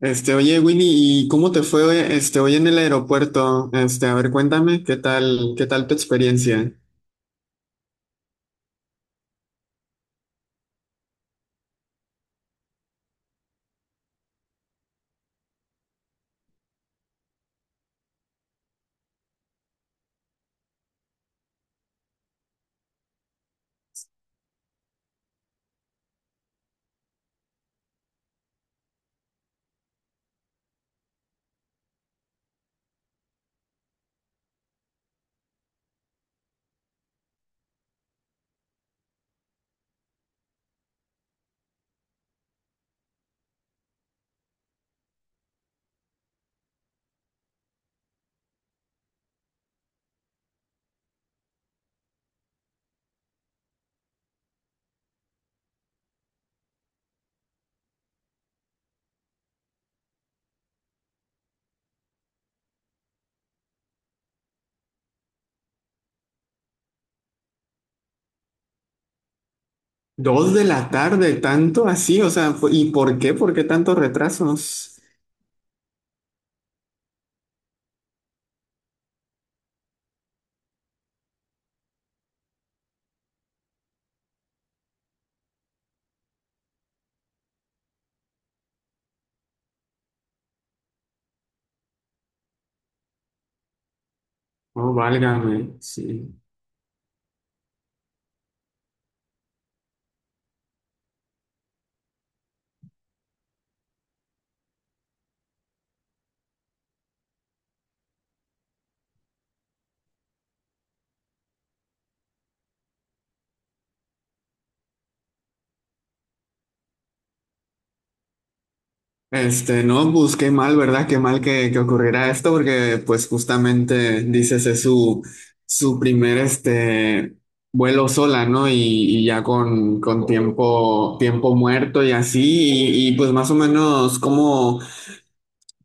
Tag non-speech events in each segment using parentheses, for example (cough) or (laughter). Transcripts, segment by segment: Oye, Winnie, ¿y cómo te fue, hoy en el aeropuerto? A ver, cuéntame, ¿qué tal tu experiencia? Dos de la tarde, tanto así, o sea, ¿y por qué? ¿Por qué tantos retrasos? Oh, válgame, sí. No, pues qué mal, ¿verdad? Qué mal que ocurriera esto, porque pues justamente dices es su primer vuelo sola, ¿no? Y ya con tiempo muerto y así, pues más o menos cómo.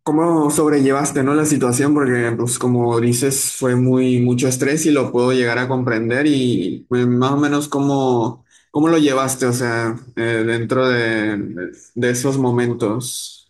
¿Cómo sobrellevaste, no, la situación? Porque, pues, como dices, fue muy mucho estrés y lo puedo llegar a comprender y pues, más o menos cómo lo llevaste, o sea, dentro de esos momentos.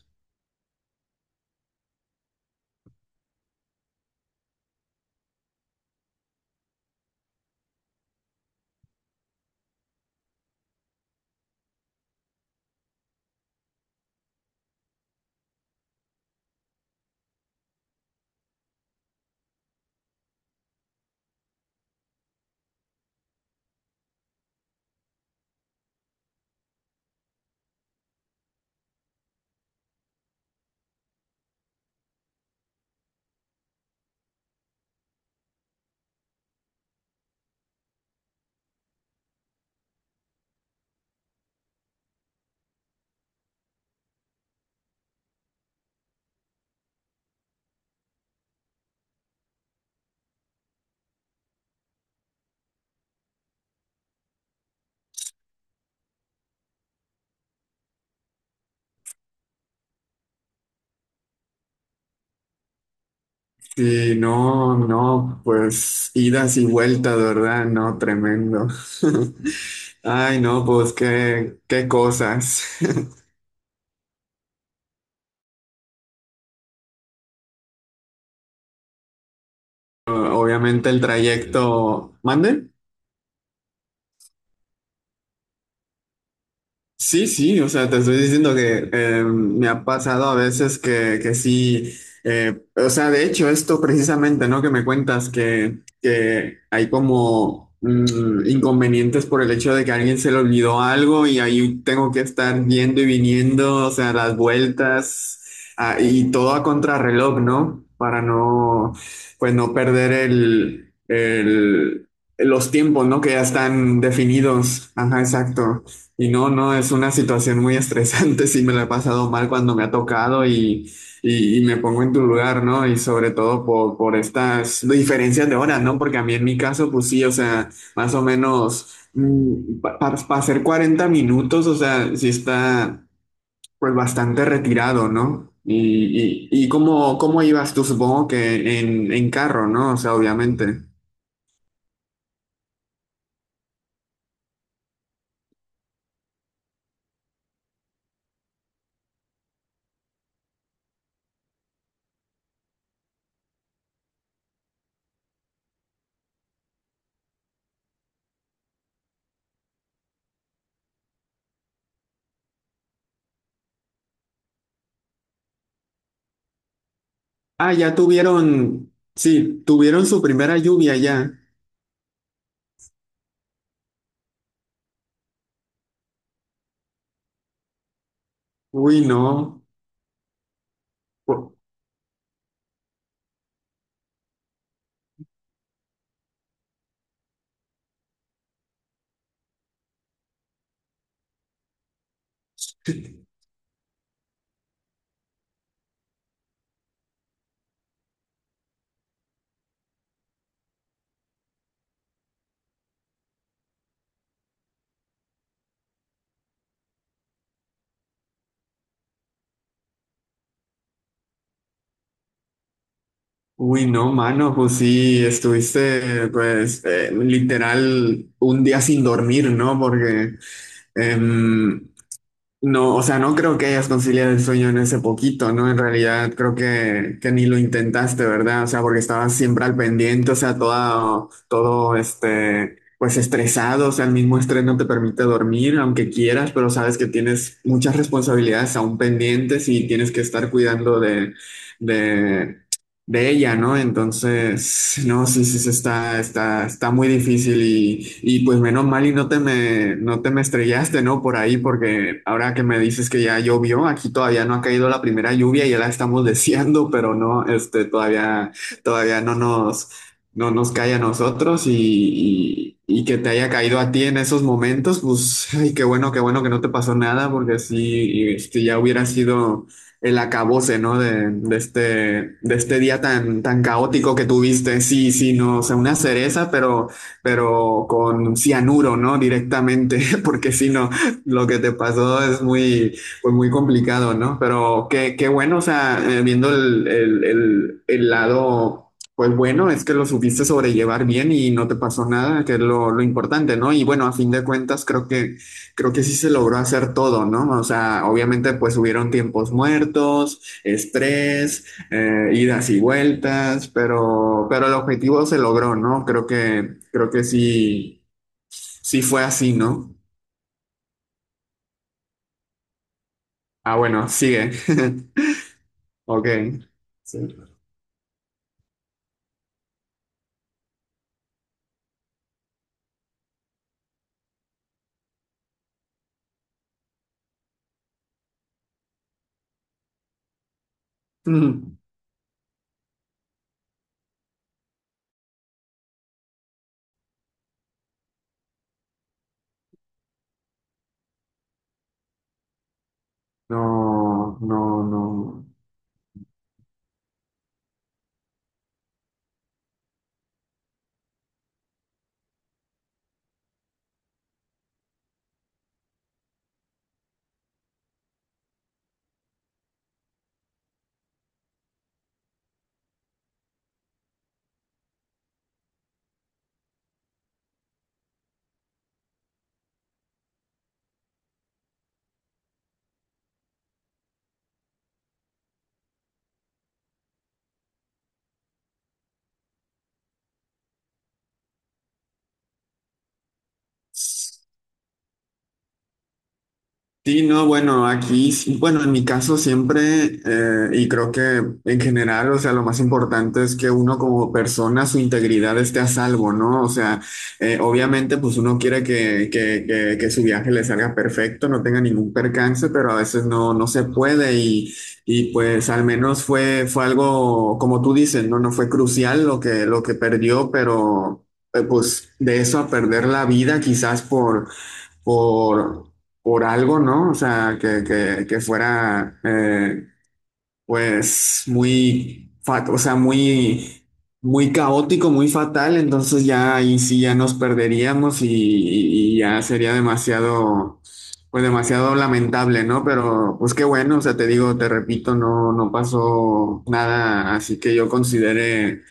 Y no, no, pues idas y vueltas, ¿verdad? No, tremendo. (laughs) Ay, no, pues qué cosas. (laughs) Obviamente el trayecto, ¿mande? Sí, sí, o sea, te estoy diciendo que me ha pasado a veces que sí, o sea, de hecho, esto precisamente, ¿no? Que me cuentas que hay como inconvenientes por el hecho de que a alguien se le olvidó algo y ahí tengo que estar yendo y viniendo, o sea, las vueltas y todo a contrarreloj, ¿no? Para no, pues no perder los tiempos, ¿no? Que ya están definidos. Ajá, exacto. Y no, no, es una situación muy estresante, (laughs) sí me la he pasado mal cuando me ha tocado y me pongo en tu lugar, ¿no? Y sobre todo por estas diferencias de horas, ¿no? Porque a mí en mi caso, pues sí, o sea, más o menos para hacer 40 minutos, o sea, sí está pues bastante retirado, ¿no? Y cómo ibas tú, supongo que en carro, ¿no? O sea, obviamente. Ah, ya tuvieron, sí, tuvieron su primera lluvia ya. Uy, no. Uy, no, mano, pues sí, estuviste, pues, literal un día sin dormir, ¿no? Porque, em, no, o sea, no creo que hayas conciliado el sueño en ese poquito, ¿no? En realidad creo que ni lo intentaste, ¿verdad? O sea, porque estabas siempre al pendiente, o sea, todo, todo, pues estresado, o sea, el mismo estrés no te permite dormir, aunque quieras, pero sabes que tienes muchas responsabilidades aún pendientes y tienes que estar cuidando de de ella, ¿no? Entonces, no, sí, sí, sí, está muy difícil y pues menos mal y no te me estrellaste, ¿no? Por ahí, porque ahora que me dices que ya llovió, aquí todavía no ha caído la primera lluvia, y ya la estamos (laughs) deseando, pero no, todavía no nos cae a nosotros y que te haya caído a ti en esos momentos, pues, ay, qué bueno que no te pasó nada, porque sí, ya hubiera sido el acabose, ¿no? De este día tan, tan caótico que tuviste. Sí, sí, no, o sea, una cereza, pero con cianuro, ¿no? Directamente, (laughs) porque sí no, lo que te pasó es pues muy complicado, ¿no? Pero qué bueno, o sea, viendo el lado. Pues bueno, es que lo supiste sobrellevar bien y no te pasó nada, que es lo importante, ¿no? Y bueno, a fin de cuentas, creo que sí se logró hacer todo, ¿no? O sea, obviamente pues hubieron tiempos muertos, estrés, idas y vueltas, pero el objetivo se logró, ¿no? Creo que sí, sí fue así, ¿no? Ah, bueno, sigue. (laughs) Ok. Sí. Mm. No, no, no. Sí, no, bueno, aquí, sí, bueno, en mi caso siempre, y creo que en general, o sea, lo más importante es que uno como persona, su integridad esté a salvo, ¿no? O sea, obviamente, pues uno quiere que su viaje le salga perfecto, no tenga ningún percance, pero a veces no, no se puede y pues al menos fue algo, como tú dices, ¿no? No fue crucial lo que perdió, pero pues de eso a perder la vida quizás por, por algo, ¿no? O sea, que fuera, pues, o sea, muy, muy caótico, muy fatal, entonces ya ahí sí ya nos perderíamos y ya sería demasiado, pues, demasiado lamentable, ¿no? Pero, pues, qué bueno, o sea, te digo, te repito, no, no pasó nada, así que yo consideré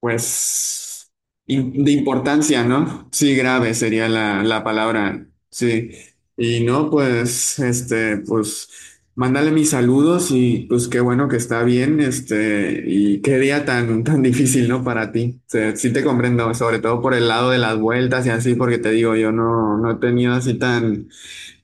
pues de importancia, ¿no? Sí, grave sería la palabra, sí. Y no, pues, pues, mándale mis saludos y pues qué bueno que está bien, y qué día tan, tan difícil, ¿no? Para ti. O sea, sí te comprendo, sobre todo por el lado de las vueltas y así, porque te digo, yo no he tenido así tan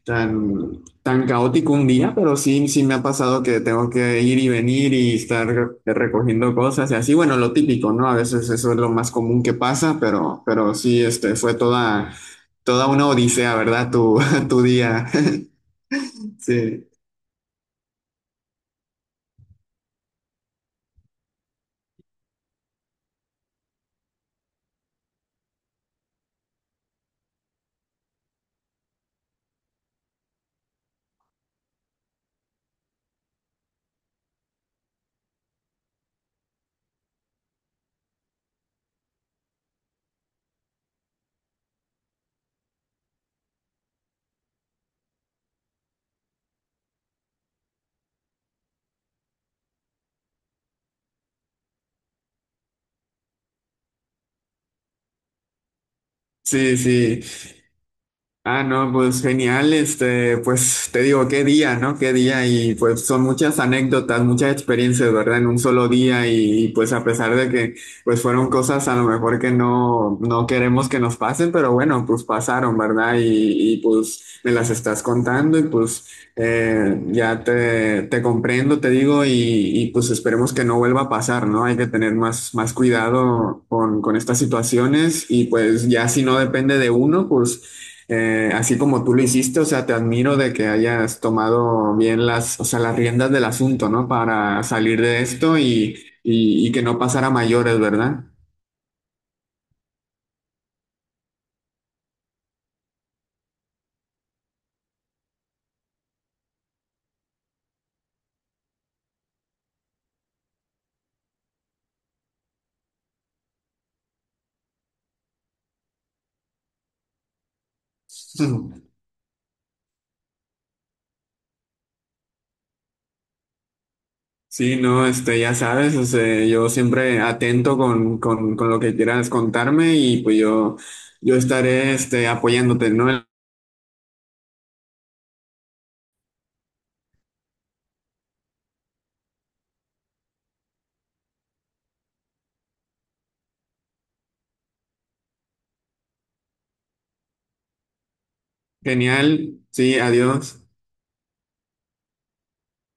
tan, tan caótico un día, pero sí, sí me ha pasado que tengo que ir y venir y estar recogiendo cosas y así, bueno, lo típico, ¿no? A veces eso es lo más común que pasa, pero sí, fue toda una odisea, ¿verdad? (laughs) Tu día. (laughs) Sí, sí, sí. Ah, no, pues genial, pues te digo, qué día, ¿no? Qué día y pues son muchas anécdotas, muchas experiencias, ¿verdad? En un solo día y, pues a pesar de que pues fueron cosas a lo mejor que no queremos que nos pasen, pero bueno, pues pasaron, ¿verdad? Y, pues me las estás contando y pues ya te comprendo, te digo, y, pues esperemos que no vuelva a pasar, ¿no? Hay que tener más cuidado con estas situaciones y pues ya si no depende de uno, pues. Así como tú lo hiciste, o sea, te admiro de que hayas tomado bien o sea, las riendas del asunto, ¿no? Para salir de esto y que no pasara a mayores, ¿verdad? (laughs) Sí, no, ya sabes, o sea, yo siempre atento con lo que quieras contarme y pues yo estaré, apoyándote, ¿no? Genial, sí, adiós.